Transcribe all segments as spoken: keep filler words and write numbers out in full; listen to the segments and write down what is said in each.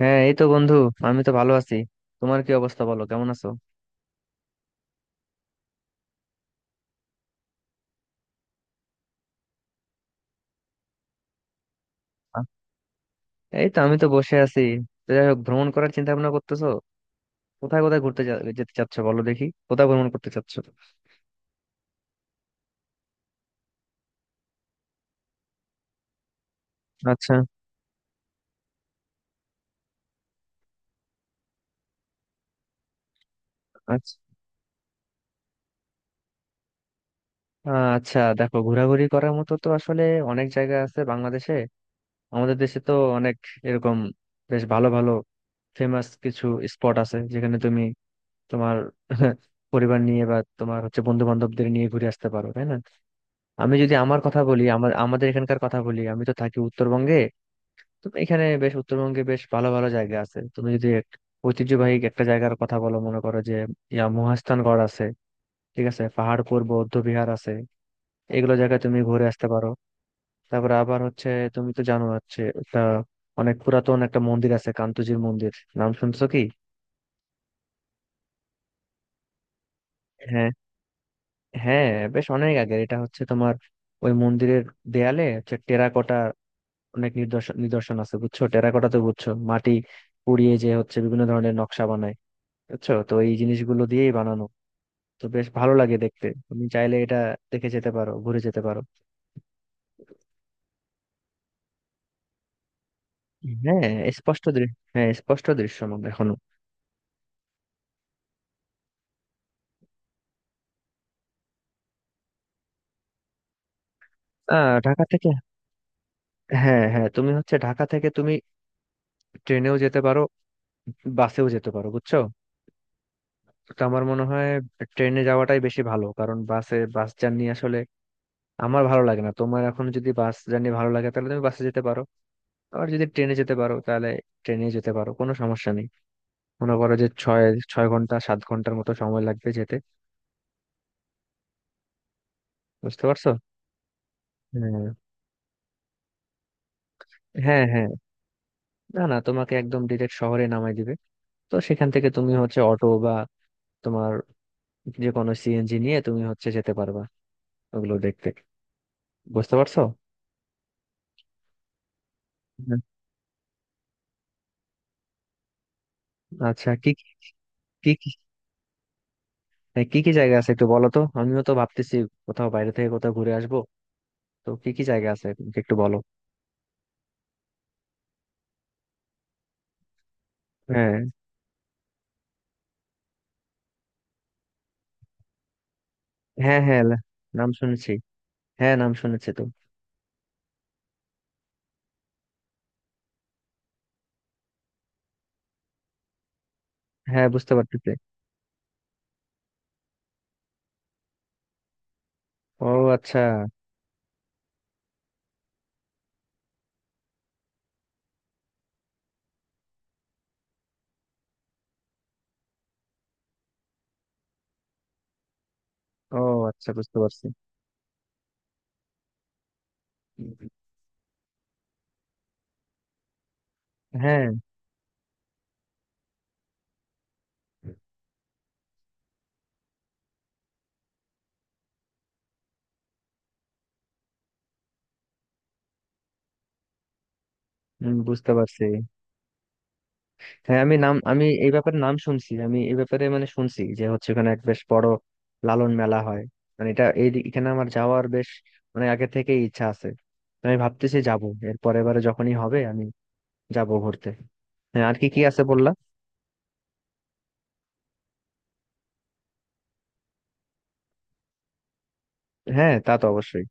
হ্যাঁ, এই তো বন্ধু। আমি তো ভালো আছি। তোমার কি অবস্থা, বলো কেমন আছো? আ- এই তো আমি তো বসে আছি। তো যাই হোক, ভ্রমণ করার চিন্তা ভাবনা করতেছো? কোথায় কোথায় ঘুরতে যা- যেতে চাচ্ছ, বলো দেখি কোথায় ভ্রমণ করতে চাচ্ছ? আচ্ছা, আচ্ছা। আহ, আচ্ছা দেখো, ঘোরাঘুরি করার মতো তো আসলে অনেক জায়গা আছে বাংলাদেশে। আমাদের দেশে তো অনেক এরকম বেশ ভালো ভালো ফেমাস কিছু স্পট আছে, যেখানে তুমি তোমার পরিবার নিয়ে বা তোমার হচ্ছে বন্ধু বান্ধবদের নিয়ে ঘুরে আসতে পারো, তাই না? আমি যদি আমার কথা বলি, আমার আমাদের এখানকার কথা বলি, আমি তো থাকি উত্তরবঙ্গে। তো এখানে বেশ উত্তরবঙ্গে বেশ ভালো ভালো জায়গা আছে। তুমি যদি এক- ঐতিহ্যবাহী একটা জায়গার কথা বলো, মনে করো যে ইয়া মহাস্থানগড় আছে, ঠিক আছে, পাহাড়পুর বৌদ্ধ বিহার আছে। এগুলো জায়গায় তুমি ঘুরে আসতে পারো। তারপরে আবার হচ্ছে, তুমি তো জানো হচ্ছে একটা অনেক পুরাতন একটা মন্দির আছে, কান্তজির মন্দির। নাম শুনছো কি? হ্যাঁ, হ্যাঁ। বেশ অনেক আগের এটা হচ্ছে তোমার। ওই মন্দিরের দেয়ালে হচ্ছে টেরাকোটা অনেক নিদর্শন নিদর্শন আছে, বুঝছো? টেরাকোটা তো বুঝছো, মাটি পুড়িয়ে যে হচ্ছে বিভিন্ন ধরনের নকশা বানায়, বুঝছো? তো এই জিনিসগুলো দিয়েই বানানো। তো বেশ ভালো লাগে দেখতে, তুমি চাইলে এটা দেখে যেতে পারো, ঘুরে যেতে পারো। হ্যাঁ স্পষ্ট দৃশ্য, হ্যাঁ স্পষ্ট দৃশ্যমান এখনো। আহ ঢাকা থেকে, হ্যাঁ হ্যাঁ, তুমি হচ্ছে ঢাকা থেকে তুমি ট্রেনেও যেতে পারো, বাসেও যেতে পারো, বুঝছো? তো আমার মনে হয় ট্রেনে যাওয়াটাই বেশি ভালো, কারণ বাসে বাস জার্নি আসলে আমার ভালো লাগে না। তোমার এখন যদি বাস জার্নি ভালো লাগে, তাহলে তুমি বাসে যেতে পারো। আবার যদি ট্রেনে যেতে পারো, তাহলে ট্রেনে যেতে পারো, কোনো সমস্যা নেই। মনে করো যে ছয় ছয় ঘন্টা সাত ঘন্টার মতো সময় লাগবে যেতে। বুঝতে পারছো? হ্যাঁ হ্যাঁ হ্যাঁ, না না, তোমাকে একদম ডিরেক্ট শহরে নামাই দিবে। তো সেখান থেকে তুমি হচ্ছে অটো বা তোমার যে কোনো সিএনজি নিয়ে তুমি হচ্ছে যেতে পারবা। ওগুলো দেখতে, বুঝতে পারছো? হুম। আচ্ছা কি কি কি? হ্যাঁ, কি কি জায়গা আছে একটু বলো তো, আমিও তো ভাবতেছি কোথাও বাইরে থেকে কোথাও ঘুরে আসবো। তো কি কি জায়গা আছে একটু বলো। হ্যাঁ হ্যাঁ হ্যাঁ লা- নাম শুনেছি। হ্যাঁ, নাম শুনেছি তো। হ্যাঁ, বুঝতে পারতেছি। ও আচ্ছা। ও আচ্ছা, বুঝতে পারছি। হ্যাঁ। হুম, বুঝতে পারছি। হ্যাঁ, আমি নাম আমি এই ব্যাপারে নাম শুনছি, আমি এই ব্যাপারে মানে শুনছি যে হচ্ছে ওখানে এক বেশ বড় লালন মেলা হয়। মানে এটা এই এখানে আমার যাওয়ার বেশ মানে আগে থেকেই ইচ্ছা আছে। তো আমি ভাবতেছি যাব এর পরের বারে যখনই হবে, আমি যাব ঘুরতে। হ্যাঁ, আর কি কি আছে বললা? হ্যাঁ, তা তো অবশ্যই।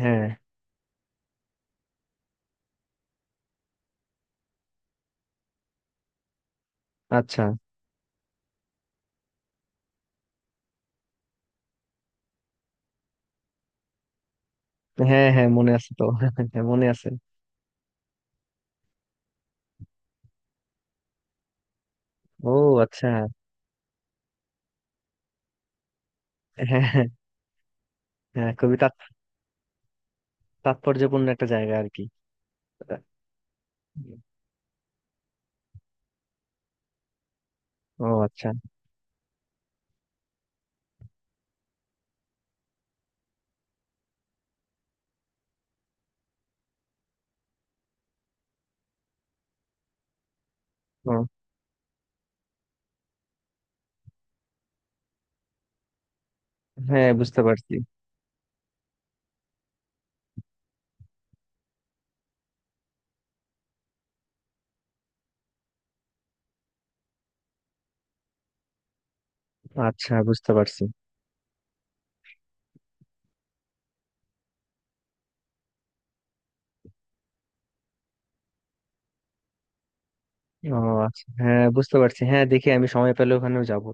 হ্যাঁ। আচ্ছা। হ্যাঁ হ্যাঁ, মনে আছে তো। হ্যাঁ, মনে আছে। ও আচ্ছা। হ্যাঁ হ্যাঁ। হ্যাঁ, খুবই তাৎপর্যপূর্ণ একটা জায়গা আর কি এটা। ও আচ্ছা। ও। হ্যাঁ, বুঝতে পারছি। আচ্ছা, বুঝতে পারছি। ও আচ্ছা, হ্যাঁ বুঝতে পারছি। হ্যাঁ, দেখি আমি সময় পেলে ওখানেও যাব।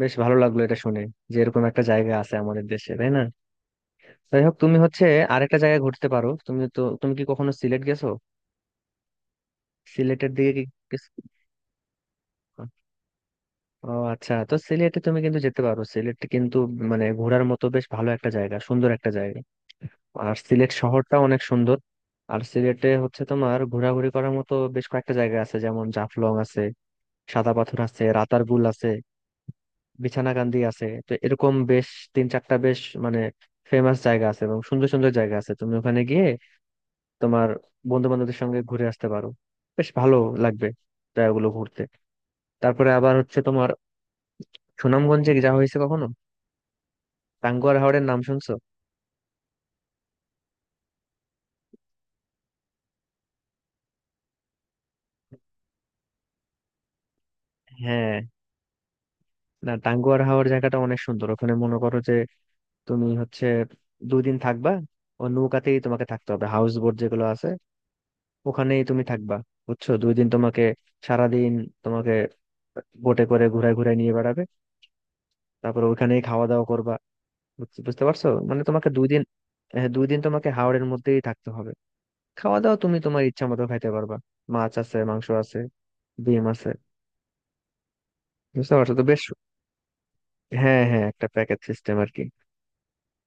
বেশ ভালো লাগলো এটা শুনে যে এরকম একটা জায়গা আছে আমাদের দেশে, তাই না? যাই হোক, তুমি হচ্ছে আরেকটা জায়গায় ঘুরতে পারো। তুমি তো, তুমি কি কখনো সিলেট গেছো? সিলেটের দিকে কি কি- ও আচ্ছা। তো সিলেটে তুমি কিন্তু যেতে পারো। সিলেটে কিন্তু মানে ঘোরার মতো বেশ ভালো একটা জায়গা, সুন্দর একটা জায়গা। আর সিলেট শহরটা অনেক সুন্দর। আর সিলেটে হচ্ছে তোমার ঘোরাঘুরি করার মতো বেশ কয়েকটা জায়গা আছে, যেমন জাফলং আছে, সাদা পাথর আছে, রাতারগুল আছে, বিছানাকান্দি আছে। তো এরকম বেশ তিন চারটা বেশ মানে ফেমাস জায়গা আছে এবং সুন্দর সুন্দর জায়গা আছে। তুমি ওখানে গিয়ে তোমার বন্ধু বান্ধবদের সঙ্গে ঘুরে আসতে পারো, বেশ ভালো লাগবে জায়গাগুলো ঘুরতে। তারপরে আবার হচ্ছে তোমার সুনামগঞ্জে যা হয়েছে কখনো? টাঙ্গুয়ার হাওরের নাম শুনছো? হ্যাঁ, না, টাঙ্গুয়ার হাওর জায়গাটা অনেক সুন্দর। ওখানে মনে করো যে তুমি হচ্ছে দুদিন থাকবা। ও নৌকাতেই তোমাকে থাকতে হবে, হাউস বোট যেগুলো আছে, ওখানেই তুমি থাকবা। বুঝছো? দুই দিন তোমাকে সারাদিন তোমাকে বোটে করে ঘুরায় ঘুরায় নিয়ে বেড়াবে। তারপর ওখানেই খাওয়া দাওয়া করবা। বুঝ- বুঝতে পারছো, মানে তোমাকে দুই দিন, হ্যাঁ, দুই দিন তোমাকে হাওড়ের মধ্যেই থাকতে হবে। খাওয়া দাওয়া তুমি তোমার ইচ্ছা মতো খাইতে পারবা। মাছ আছে, মাংস আছে, ডিম আছে। বুঝতে পারছো তো? বেশ, হ্যাঁ হ্যাঁ, একটা প্যাকেজ সিস্টেম আর কি।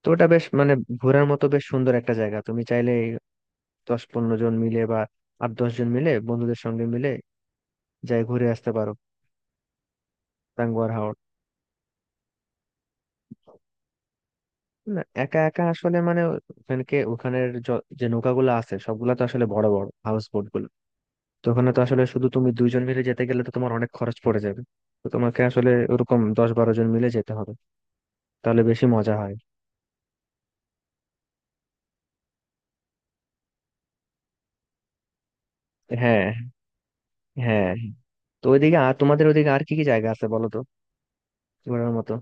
তো ওটা বেশ মানে ঘোরার মতো বেশ সুন্দর একটা জায়গা। তুমি চাইলে দশ পনেরো জন মিলে বা আট দশ জন মিলে বন্ধুদের সঙ্গে মিলে যাই ঘুরে আসতে পারো টাঙ্গুয়ার হাওর। না, একা একা আসলে মানে ওখানে ওখানের য- যে নৌকাগুলো আছে সবগুলা তো আসলে বড় বড় হাউস বোট গুলো। তো ওখানে তো আসলে শুধু তুমি দুইজন মিলে যেতে গেলে তো তোমার অনেক খরচ পড়ে যাবে। তো তোমাকে আসলে ওরকম দশ বারো জন মিলে যেতে হবে, তাহলে বেশি মজা হয়। হ্যাঁ হ্যাঁ। তো ওইদিকে আর তোমাদের ওইদিকে আর কি কি জায়গা আছে বলো তো ঘোরার মতো?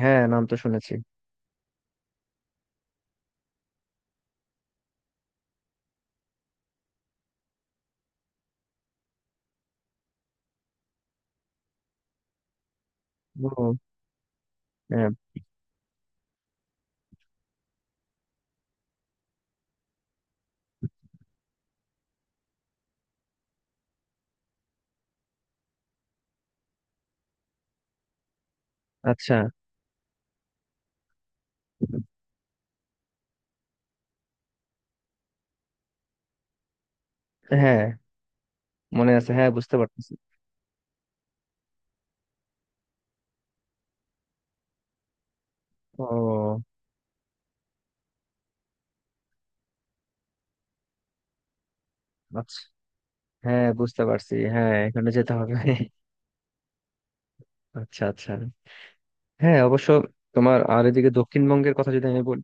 হ্যাঁ, নাম তো শুনেছি। ও, হ্যাঁ। আচ্ছা, হ্যাঁ মনে আছে, হ্যাঁ বুঝতে পারছি। ও আচ্ছা, হ্যাঁ বুঝতে পারছি। হ্যাঁ, এখানে যেতে হবে। আচ্ছা, আচ্ছা, হ্যাঁ অবশ্য। তোমার আর এদিকে দক্ষিণবঙ্গের কথা যদি আমি বলি,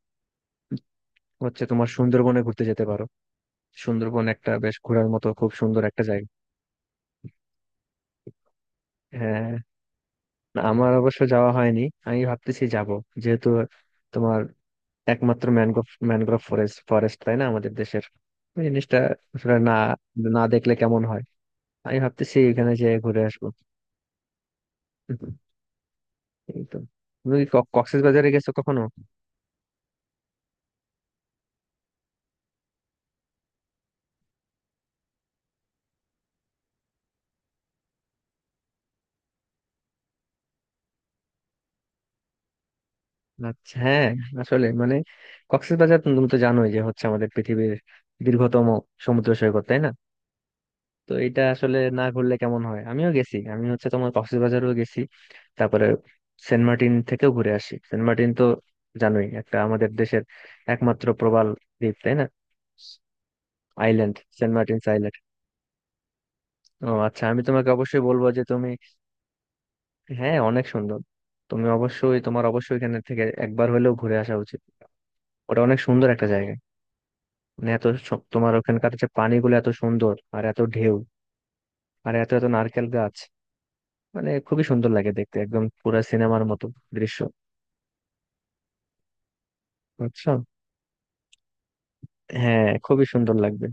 হচ্ছে তোমার সুন্দরবনে ঘুরতে যেতে পারো। সুন্দরবন একটা বেশ ঘোরার মতো খুব সুন্দর একটা জায়গা। হ্যাঁ, না, আমার অবশ্য যাওয়া হয়নি, আমি ভাবতেছি যাব। যেহেতু তোমার একমাত্র ম্যানগ্রোভ ম্যানগ্রোভ ফরেস্ট ফরেস্ট তাই না আমাদের দেশের, এই জিনিসটা আসলে না, না দেখলে কেমন হয়? আমি ভাবতেছি এখানে যে ঘুরে আসবো। এই তো। তুমি কি ক- কক্সবাজারে গেছো কখনো? আচ্ছা, হ্যাঁ। আসলে মানে কক্সবাজার তো, তুমি তো জানোই যে হচ্ছে আমাদের পৃথিবীর দীর্ঘতম সমুদ্র সৈকত, তাই না? তো এটা আসলে না ঘুরলে কেমন হয়? আমিও গেছি, আমি হচ্ছে তোমার কক্সবাজারও গেছি। তারপরে সেন্ট মার্টিন থেকেও ঘুরে আসি। সেন্ট মার্টিন তো জানোই একটা আমাদের দেশের একমাত্র প্রবাল দ্বীপ, তাই না? Island, Saint Martin's island. ও আচ্ছা, আমি তোমাকে অবশ্যই বলবো যে তুমি, হ্যাঁ অনেক সুন্দর। তুমি অবশ্যই, তোমার অবশ্যই এখানে থেকে একবার হলেও ঘুরে আসা উচিত। ওটা অনেক সুন্দর একটা জায়গা। মানে এত সব তোমার ওখানকার যে পানিগুলো এত সুন্দর আর এত ঢেউ, আর এত এত নারকেল গাছ। মানে খুবই সুন্দর লাগে দেখতে, একদম পুরো সিনেমার মতো দৃশ্য। বুঝছো? হ্যাঁ, খুবই সুন্দর লাগবে।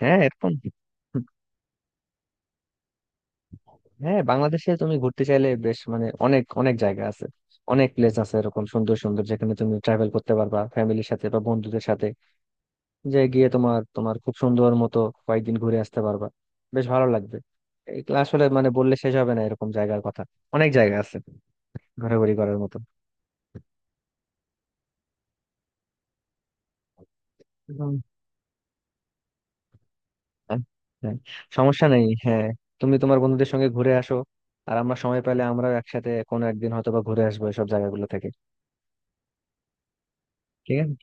হ্যাঁ এরকম, হ্যাঁ বাংলাদেশে তুমি ঘুরতে চাইলে বেশ মানে অনেক অনেক জায়গা আছে, অনেক প্লেস আছে এরকম সুন্দর সুন্দর, যেখানে তুমি ট্রাভেল করতে পারবা ফ্যামিলির সাথে বা বন্ধুদের সাথে, যে গিয়ে তোমার তোমার খুব সুন্দর মতো কয়েকদিন ঘুরে আসতে পারবা। বেশ ভালো লাগবে। এগুলো আসলে মানে বললে শেষ হবে না এরকম জায়গার কথা। অনেক জায়গা আছে ঘোরাঘুরি করার মতো। হুম। হ্যাঁ, হ্যাঁ, সমস্যা নেই। হ্যাঁ, তুমি তোমার বন্ধুদের সঙ্গে ঘুরে আসো, আর আমরা সময় পেলে আমরাও একসাথে কোনো একদিন হয়তো বা ঘুরে আসবো এসব জায়গাগুলো থেকে। ঠিক আছে।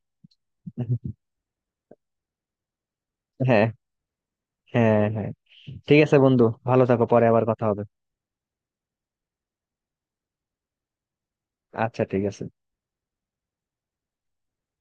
হ্যাঁ হ্যাঁ হ্যাঁ, ঠিক আছে বন্ধু, ভালো থাকো, পরে আবার কথা হবে। আচ্ছা, ঠিক আছে।